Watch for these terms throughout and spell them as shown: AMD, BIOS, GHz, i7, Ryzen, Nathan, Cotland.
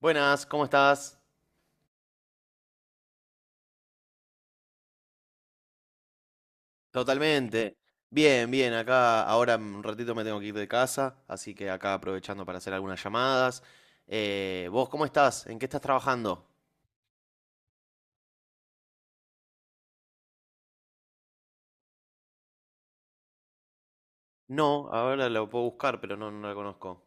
Buenas, ¿cómo estás? Totalmente. Bien, bien, acá ahora en un ratito me tengo que ir de casa, así que acá aprovechando para hacer algunas llamadas. ¿Vos cómo estás? ¿En qué estás trabajando? No, ahora lo puedo buscar, pero no la conozco.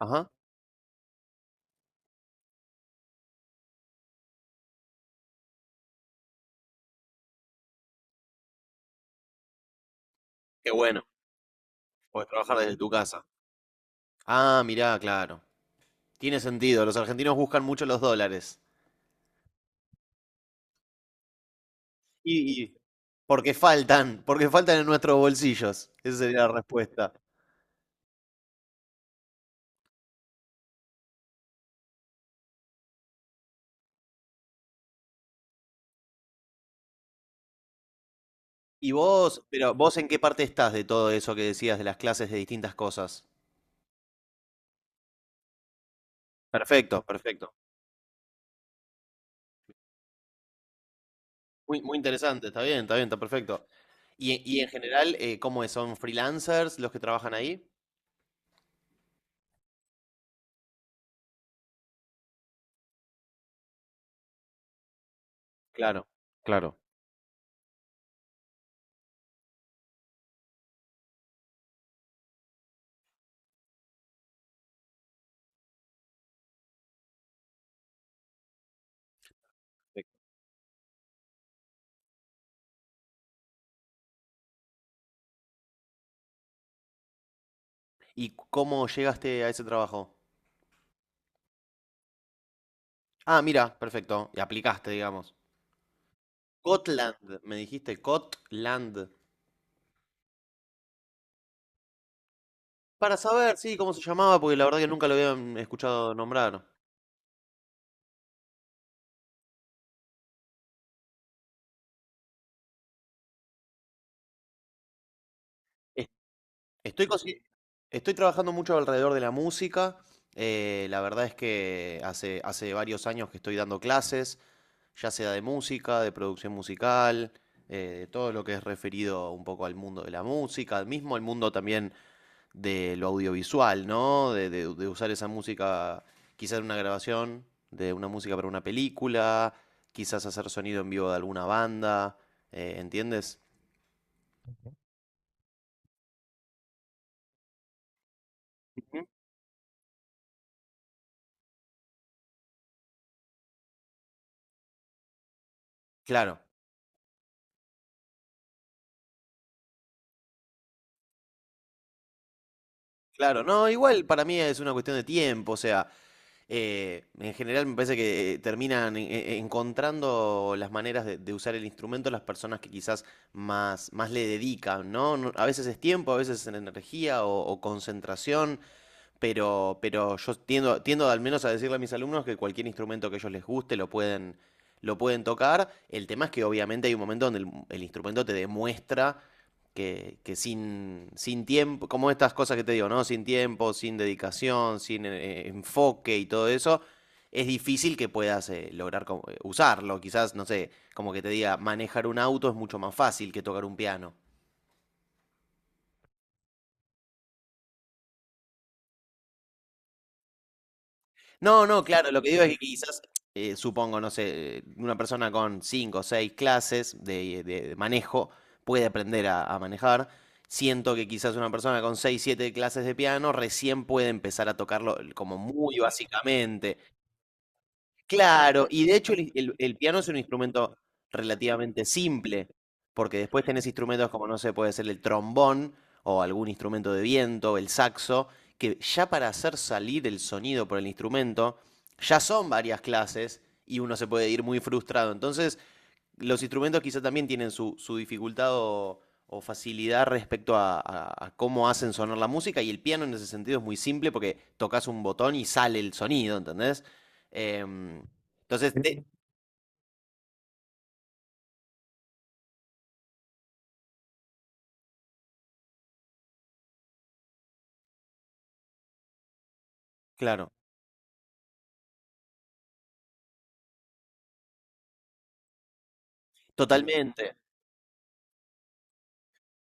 Ajá. Qué bueno, puedes trabajar desde tu casa. Ah, mirá, claro. Tiene sentido, los argentinos buscan mucho los dólares. Y porque faltan en nuestros bolsillos. Esa sería la respuesta. Y vos, pero vos en qué parte estás de todo eso que decías de las clases de distintas cosas. Perfecto, perfecto. Muy, muy interesante, está bien, está bien, está perfecto. Y en general, ¿cómo es? ¿Son freelancers los que trabajan ahí? Claro, claro. Perfecto. ¿Y cómo llegaste a ese trabajo? Ah, mira, perfecto. Y aplicaste, digamos. Cotland, me dijiste, Cotland. Para saber, sí, cómo se llamaba, porque la verdad que nunca lo habían escuchado nombrar. Estoy, consi- Estoy trabajando mucho alrededor de la música. La verdad es que hace varios años que estoy dando clases, ya sea de música, de producción musical, de todo lo que es referido un poco al mundo de la música, mismo al mundo también de lo audiovisual, ¿no? De usar esa música quizás en una grabación, de una música para una película, quizás hacer sonido en vivo de alguna banda, ¿entiendes? Ujú. Claro. Claro, no, igual para mí es una cuestión de tiempo, o sea, en general me parece que terminan encontrando las maneras de usar el instrumento las personas que quizás más, más le dedican, ¿no? No. A veces es tiempo, a veces es energía o concentración, pero yo tiendo, tiendo al menos a decirle a mis alumnos que cualquier instrumento que a ellos les guste lo pueden tocar. El tema es que obviamente hay un momento donde el instrumento te demuestra que sin, sin tiempo, como estas cosas que te digo, ¿no? Sin tiempo, sin dedicación, sin enfoque y todo eso, es difícil que puedas lograr usarlo. Quizás, no sé, como que te diga, manejar un auto es mucho más fácil que tocar un piano. No, no, claro, lo que digo es que quizás, supongo, no sé, una persona con cinco o seis clases de, de manejo puede aprender a manejar. Siento que quizás una persona con seis, siete clases de piano recién puede empezar a tocarlo como muy básicamente. Claro, y de hecho el piano es un instrumento relativamente simple, porque después tenés instrumentos como, no sé, puede ser el trombón o algún instrumento de viento, el saxo, que ya para hacer salir el sonido por el instrumento, ya son varias clases y uno se puede ir muy frustrado. Entonces, los instrumentos quizá también tienen su, su dificultad o facilidad respecto a, a cómo hacen sonar la música y el piano en ese sentido es muy simple porque tocas un botón y sale el sonido, ¿entendés? Em, entonces, claro, totalmente.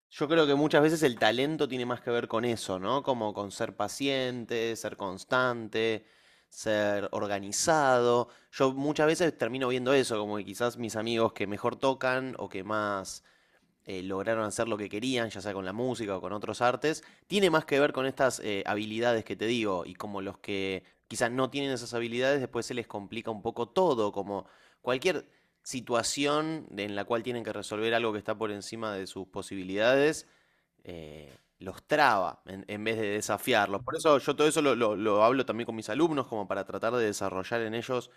Yo creo que muchas veces el talento tiene más que ver con eso, ¿no? Como con ser paciente, ser constante, ser organizado. Yo muchas veces termino viendo eso, como que quizás mis amigos que mejor tocan o que más lograron hacer lo que querían, ya sea con la música o con otros artes, tiene más que ver con estas habilidades que te digo y como los que quizás no tienen esas habilidades, después se les complica un poco todo, como cualquier situación en la cual tienen que resolver algo que está por encima de sus posibilidades, los traba en vez de desafiarlos. Por eso yo todo eso lo hablo también con mis alumnos, como para tratar de desarrollar en ellos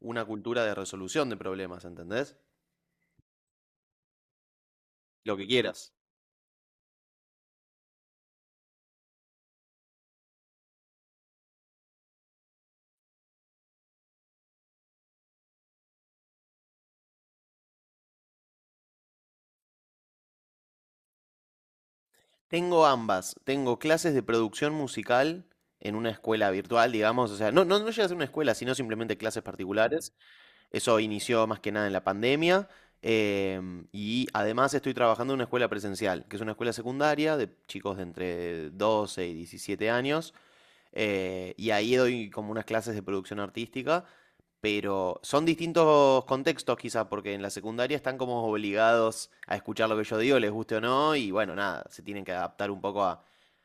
una cultura de resolución de problemas, ¿entendés? Lo que quieras. Tengo ambas. Tengo clases de producción musical en una escuela virtual, digamos. O sea, no, no, no llega a ser una escuela, sino simplemente clases particulares. Eso inició más que nada en la pandemia. Y además estoy trabajando en una escuela presencial, que es una escuela secundaria de chicos de entre 12 y 17 años. Y ahí doy como unas clases de producción artística pero son distintos contextos quizá, porque en la secundaria están como obligados a escuchar lo que yo digo, les guste o no, y bueno, nada, se tienen que adaptar un poco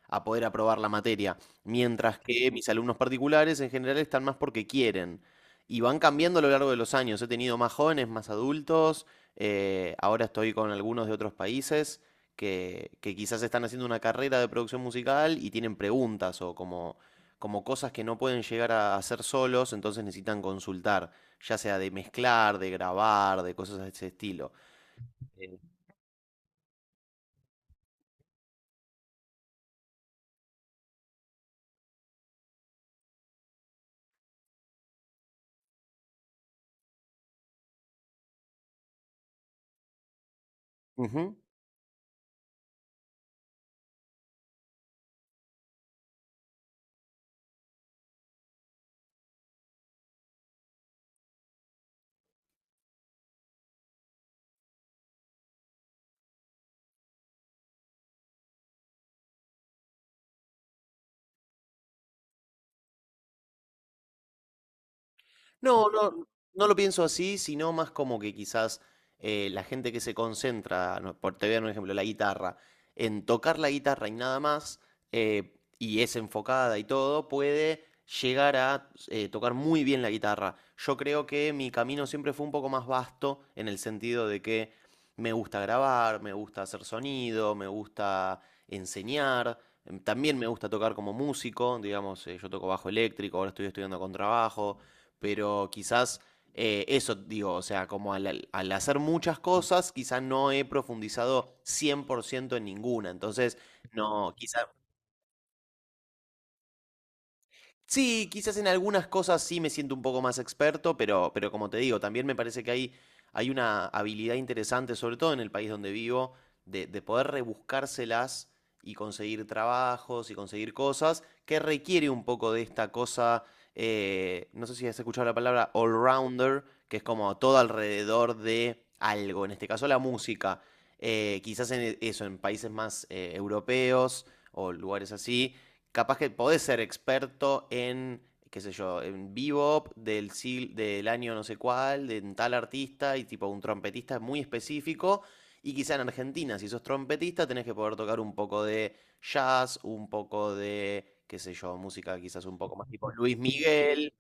a poder aprobar la materia. Mientras que mis alumnos particulares en general están más porque quieren. Y van cambiando a lo largo de los años. He tenido más jóvenes, más adultos. Ahora estoy con algunos de otros países que quizás están haciendo una carrera de producción musical y tienen preguntas o como cosas que no pueden llegar a hacer solos, entonces necesitan consultar, ya sea de mezclar, de grabar, de cosas de ese estilo. Eh, Ujú. No, no, no lo pienso así, sino más como que quizás la gente que se concentra, no, por te voy a dar un ejemplo, la guitarra, en tocar la guitarra y nada más, y es enfocada y todo, puede llegar a tocar muy bien la guitarra. Yo creo que mi camino siempre fue un poco más vasto en el sentido de que me gusta grabar, me gusta hacer sonido, me gusta enseñar. También me gusta tocar como músico, digamos, yo toco bajo eléctrico, ahora estoy estudiando contrabajo, pero quizás eso digo, o sea, como al, al hacer muchas cosas, quizás no he profundizado 100% en ninguna, entonces no, quizás sí, quizás en algunas cosas sí me siento un poco más experto, pero como te digo, también me parece que hay una habilidad interesante, sobre todo en el país donde vivo, de poder rebuscárselas y conseguir trabajos y conseguir cosas que requiere un poco de esta cosa, no sé si has escuchado la palabra all-rounder, que es como todo alrededor de algo, en este caso la música. Quizás en eso, en países más europeos o lugares así capaz que podés ser experto en, qué sé yo, en bebop del año no sé cuál, de tal artista y tipo un trompetista es muy específico. Y quizá en Argentina, si sos trompetista, tenés que poder tocar un poco de jazz, un poco de, qué sé yo, música quizás un poco más tipo Luis Miguel.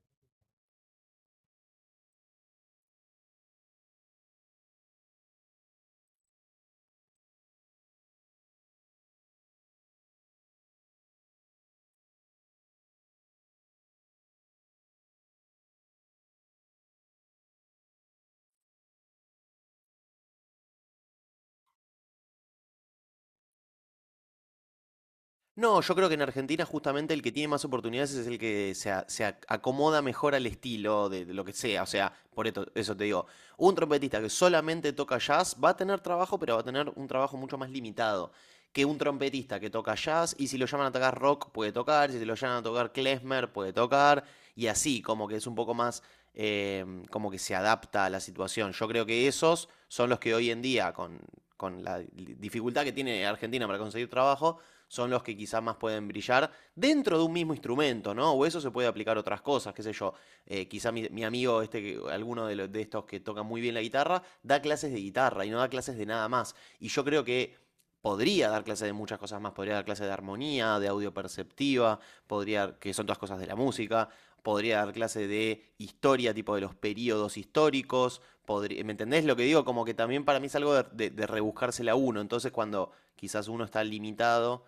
No, yo creo que en Argentina justamente el que tiene más oportunidades es el que se acomoda mejor al estilo de lo que sea. O sea, por eso te digo, un trompetista que solamente toca jazz va a tener trabajo, pero va a tener un trabajo mucho más limitado que un trompetista que toca jazz y si lo llaman a tocar rock puede tocar, si lo llaman a tocar klezmer puede tocar y así, como que es un poco más, como que se adapta a la situación. Yo creo que esos son los que hoy en día, con la dificultad que tiene Argentina para conseguir trabajo, son los que quizás más pueden brillar dentro de un mismo instrumento, ¿no? O eso se puede aplicar a otras cosas, qué sé yo. Quizá amigo, este, alguno de, de estos que tocan muy bien la guitarra, da clases de guitarra y no da clases de nada más. Y yo creo que podría dar clases de muchas cosas más, podría dar clases de armonía, de audio perceptiva, podría, que son todas cosas de la música, podría dar clase de historia, tipo de los periodos históricos. ¿Me entendés lo que digo? Como que también para mí es algo de, de rebuscársela a uno. Entonces, cuando quizás uno está limitado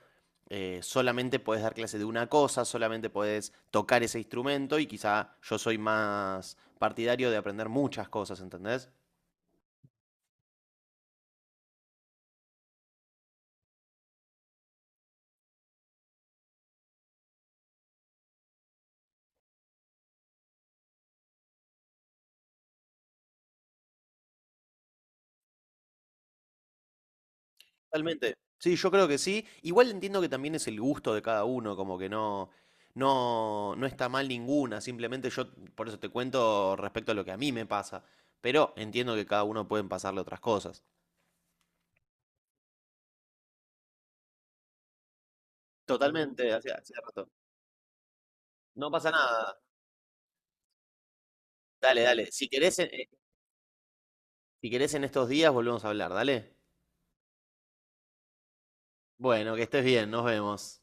solamente podés dar clase de una cosa, solamente podés tocar ese instrumento y quizá yo soy más partidario de aprender muchas cosas, ¿entendés? Totalmente. Sí, yo creo que sí. Igual entiendo que también es el gusto de cada uno, como que no, no, no está mal ninguna, simplemente yo por eso te cuento respecto a lo que a mí me pasa, pero entiendo que cada uno pueden pasarle otras cosas. Totalmente, hacía hacía rato. No pasa nada. Dale, dale. Si querés, si querés en estos días volvemos a hablar, dale. Bueno, que estés bien, nos vemos.